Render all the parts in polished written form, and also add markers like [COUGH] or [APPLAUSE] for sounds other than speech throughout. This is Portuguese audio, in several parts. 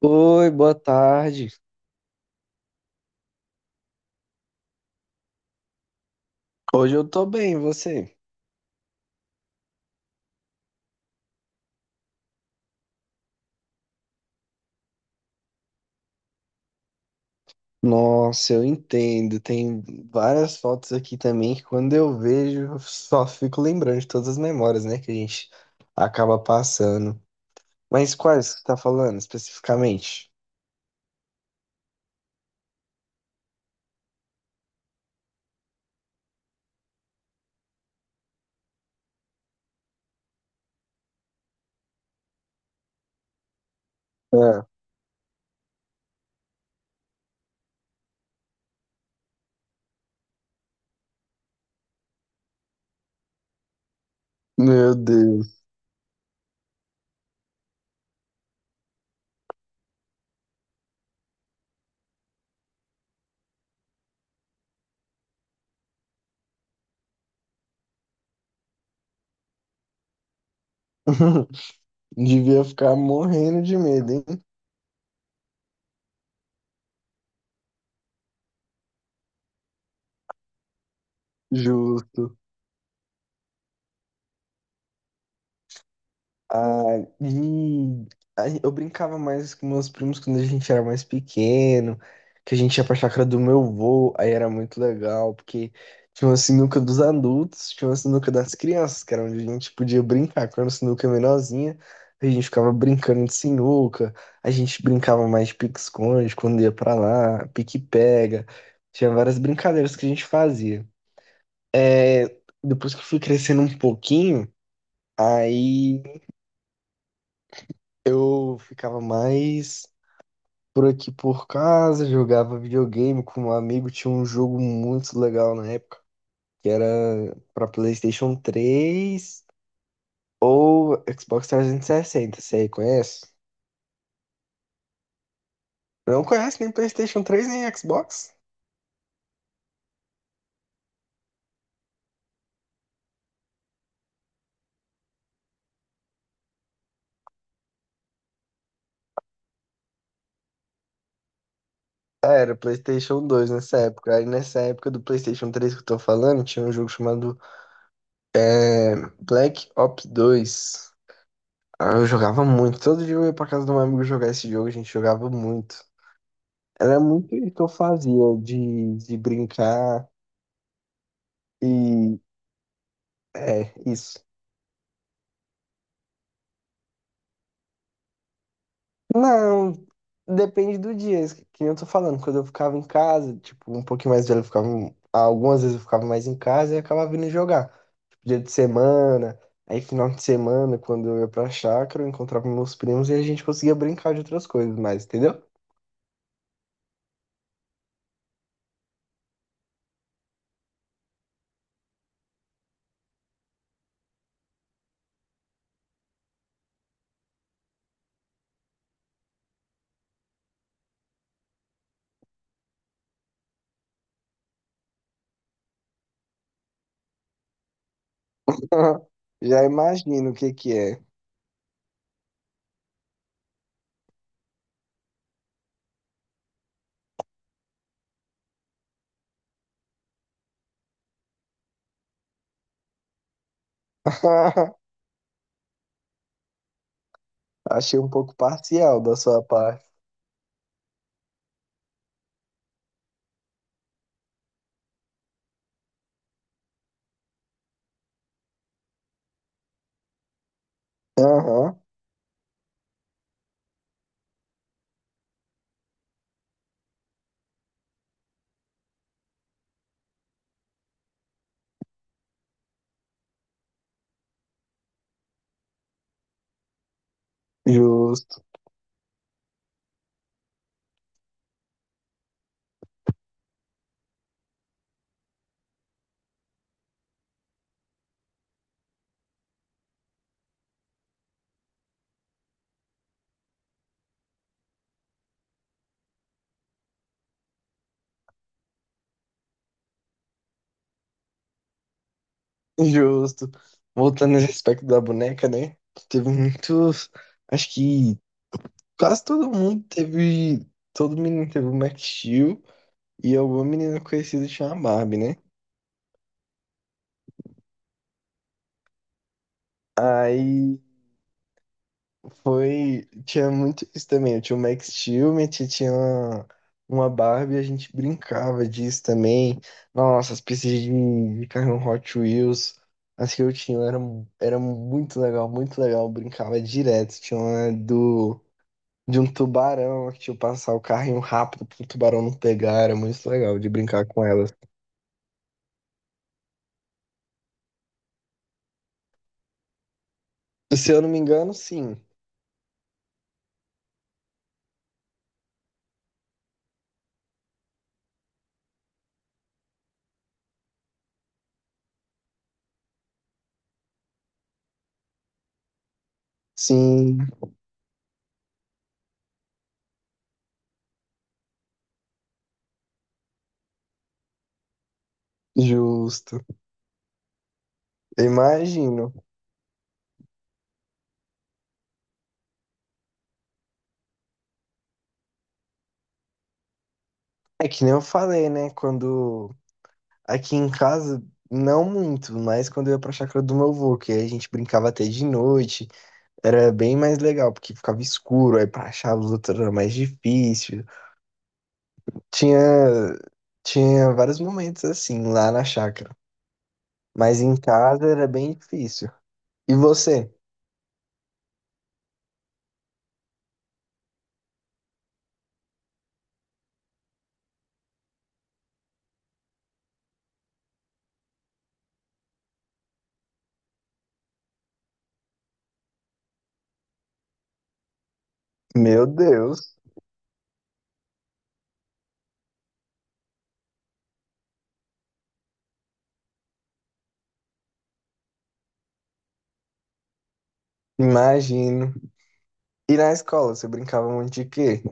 Oi, boa tarde. Hoje eu tô bem, e você? Nossa, eu entendo. Tem várias fotos aqui também que quando eu vejo, eu só fico lembrando de todas as memórias, né, que a gente acaba passando. Mas quais que você tá falando especificamente? É, meu Deus. [LAUGHS] Devia ficar morrendo de medo, hein? Justo. Ah, e eu brincava mais com meus primos quando a gente era mais pequeno, que a gente ia pra chácara do meu avô, aí era muito legal, porque tinha uma sinuca dos adultos, tinha uma sinuca das crianças, que era onde a gente podia brincar. Quando a sinuca é menorzinha, a gente ficava brincando de sinuca, a gente brincava mais de pique-esconde quando ia pra lá, pique-pega, tinha várias brincadeiras que a gente fazia. É... Depois que eu fui crescendo um pouquinho, aí. Eu ficava mais por aqui por casa, jogava videogame com um amigo, tinha um jogo muito legal na época, que era pra PlayStation 3 ou Xbox 360, você aí conhece? Não conhece nem PlayStation 3 nem Xbox? Ah, era PlayStation 2 nessa época. Aí nessa época do PlayStation 3 que eu tô falando, tinha um jogo chamado Black Ops 2. Ah, eu jogava muito. Todo dia eu ia pra casa do meu amigo jogar esse jogo, a gente jogava muito. Era muito isso que eu fazia de brincar e é isso. Não, depende do dia, que nem eu tô falando. Quando eu ficava em casa, tipo, um pouquinho mais velho, eu ficava. Algumas vezes eu ficava mais em casa e acabava vindo jogar. Tipo, dia de semana, aí final de semana, quando eu ia pra chácara, eu encontrava meus primos e a gente conseguia brincar de outras coisas mais, entendeu? [LAUGHS] Já imagino o que que é. [LAUGHS] Achei um pouco parcial da sua parte. Aham, justo. Justo. Voltando nesse aspecto da boneca, né? Teve muitos. Acho que quase todo mundo teve. Todo menino teve o Max Steel e alguma menina conhecida tinha uma Barbie, né? Aí foi. Tinha muito isso também. Eu tinha o Max Steel, minha tia tinha uma Barbie, a gente brincava disso também. Nossa, as pistas de carrinho Hot Wheels. As que eu tinha era muito legal, muito legal. Eu brincava direto. Tinha uma do. De um tubarão, que tipo, passar o carrinho rápido pro tubarão não pegar, era muito legal de brincar com elas. Se eu não me engano, sim. Sim, justo. Eu imagino. É que nem eu falei, né? Quando aqui em casa, não muito, mas quando eu ia pra chácara do meu avô, que aí a gente brincava até de noite, era bem mais legal, porque ficava escuro, aí pra achar a luz era mais difícil. Tinha, tinha vários momentos assim lá na chácara, mas em casa era bem difícil. E você? Meu Deus, imagino. E na escola, você brincava muito de quê?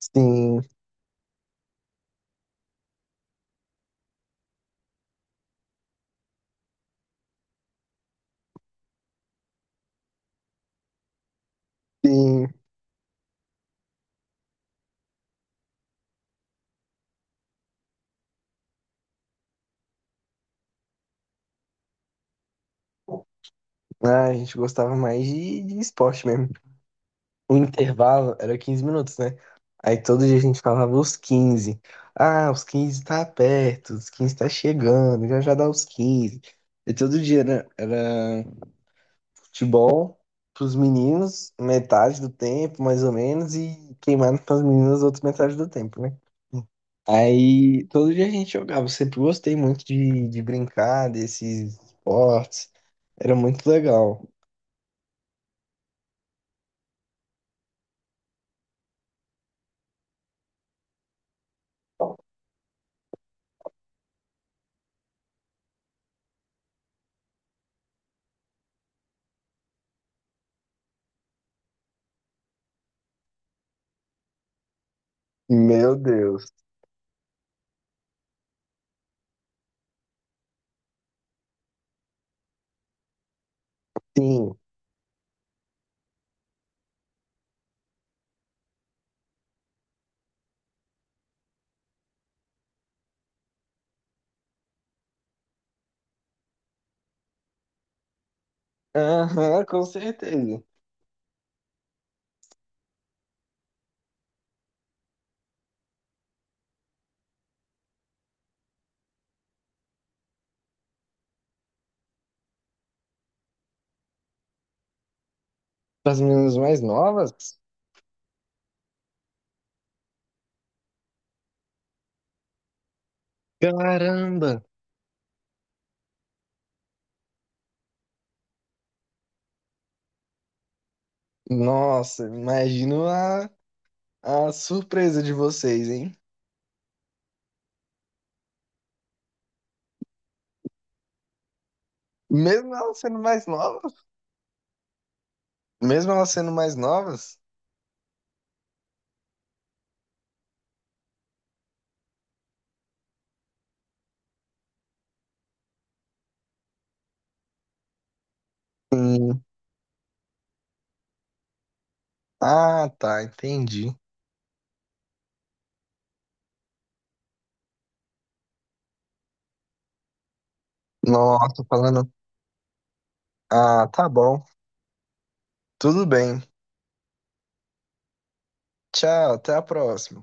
Sim, sim. Ah, a gente gostava mais de esporte mesmo. O intervalo era 15 minutos, né? Aí todo dia a gente falava os 15. Ah, os 15 tá perto, os 15 tá chegando, já já dá os 15. E todo dia era futebol pros meninos, metade do tempo, mais ou menos, e queimado pras meninas, outra metade do tempo, né? Aí todo dia a gente jogava. Eu sempre gostei muito de brincar desses esportes. Era muito legal. Meu Deus. Sim. Aham, com certeza. Para as meninas mais novas? Caramba! Nossa, imagino a surpresa de vocês, hein? Mesmo elas sendo mais novas? Mesmo elas sendo mais novas? Sim. Ah, tá, entendi. Nossa, falando. Ah, tá bom. Tudo bem. Tchau, até a próxima.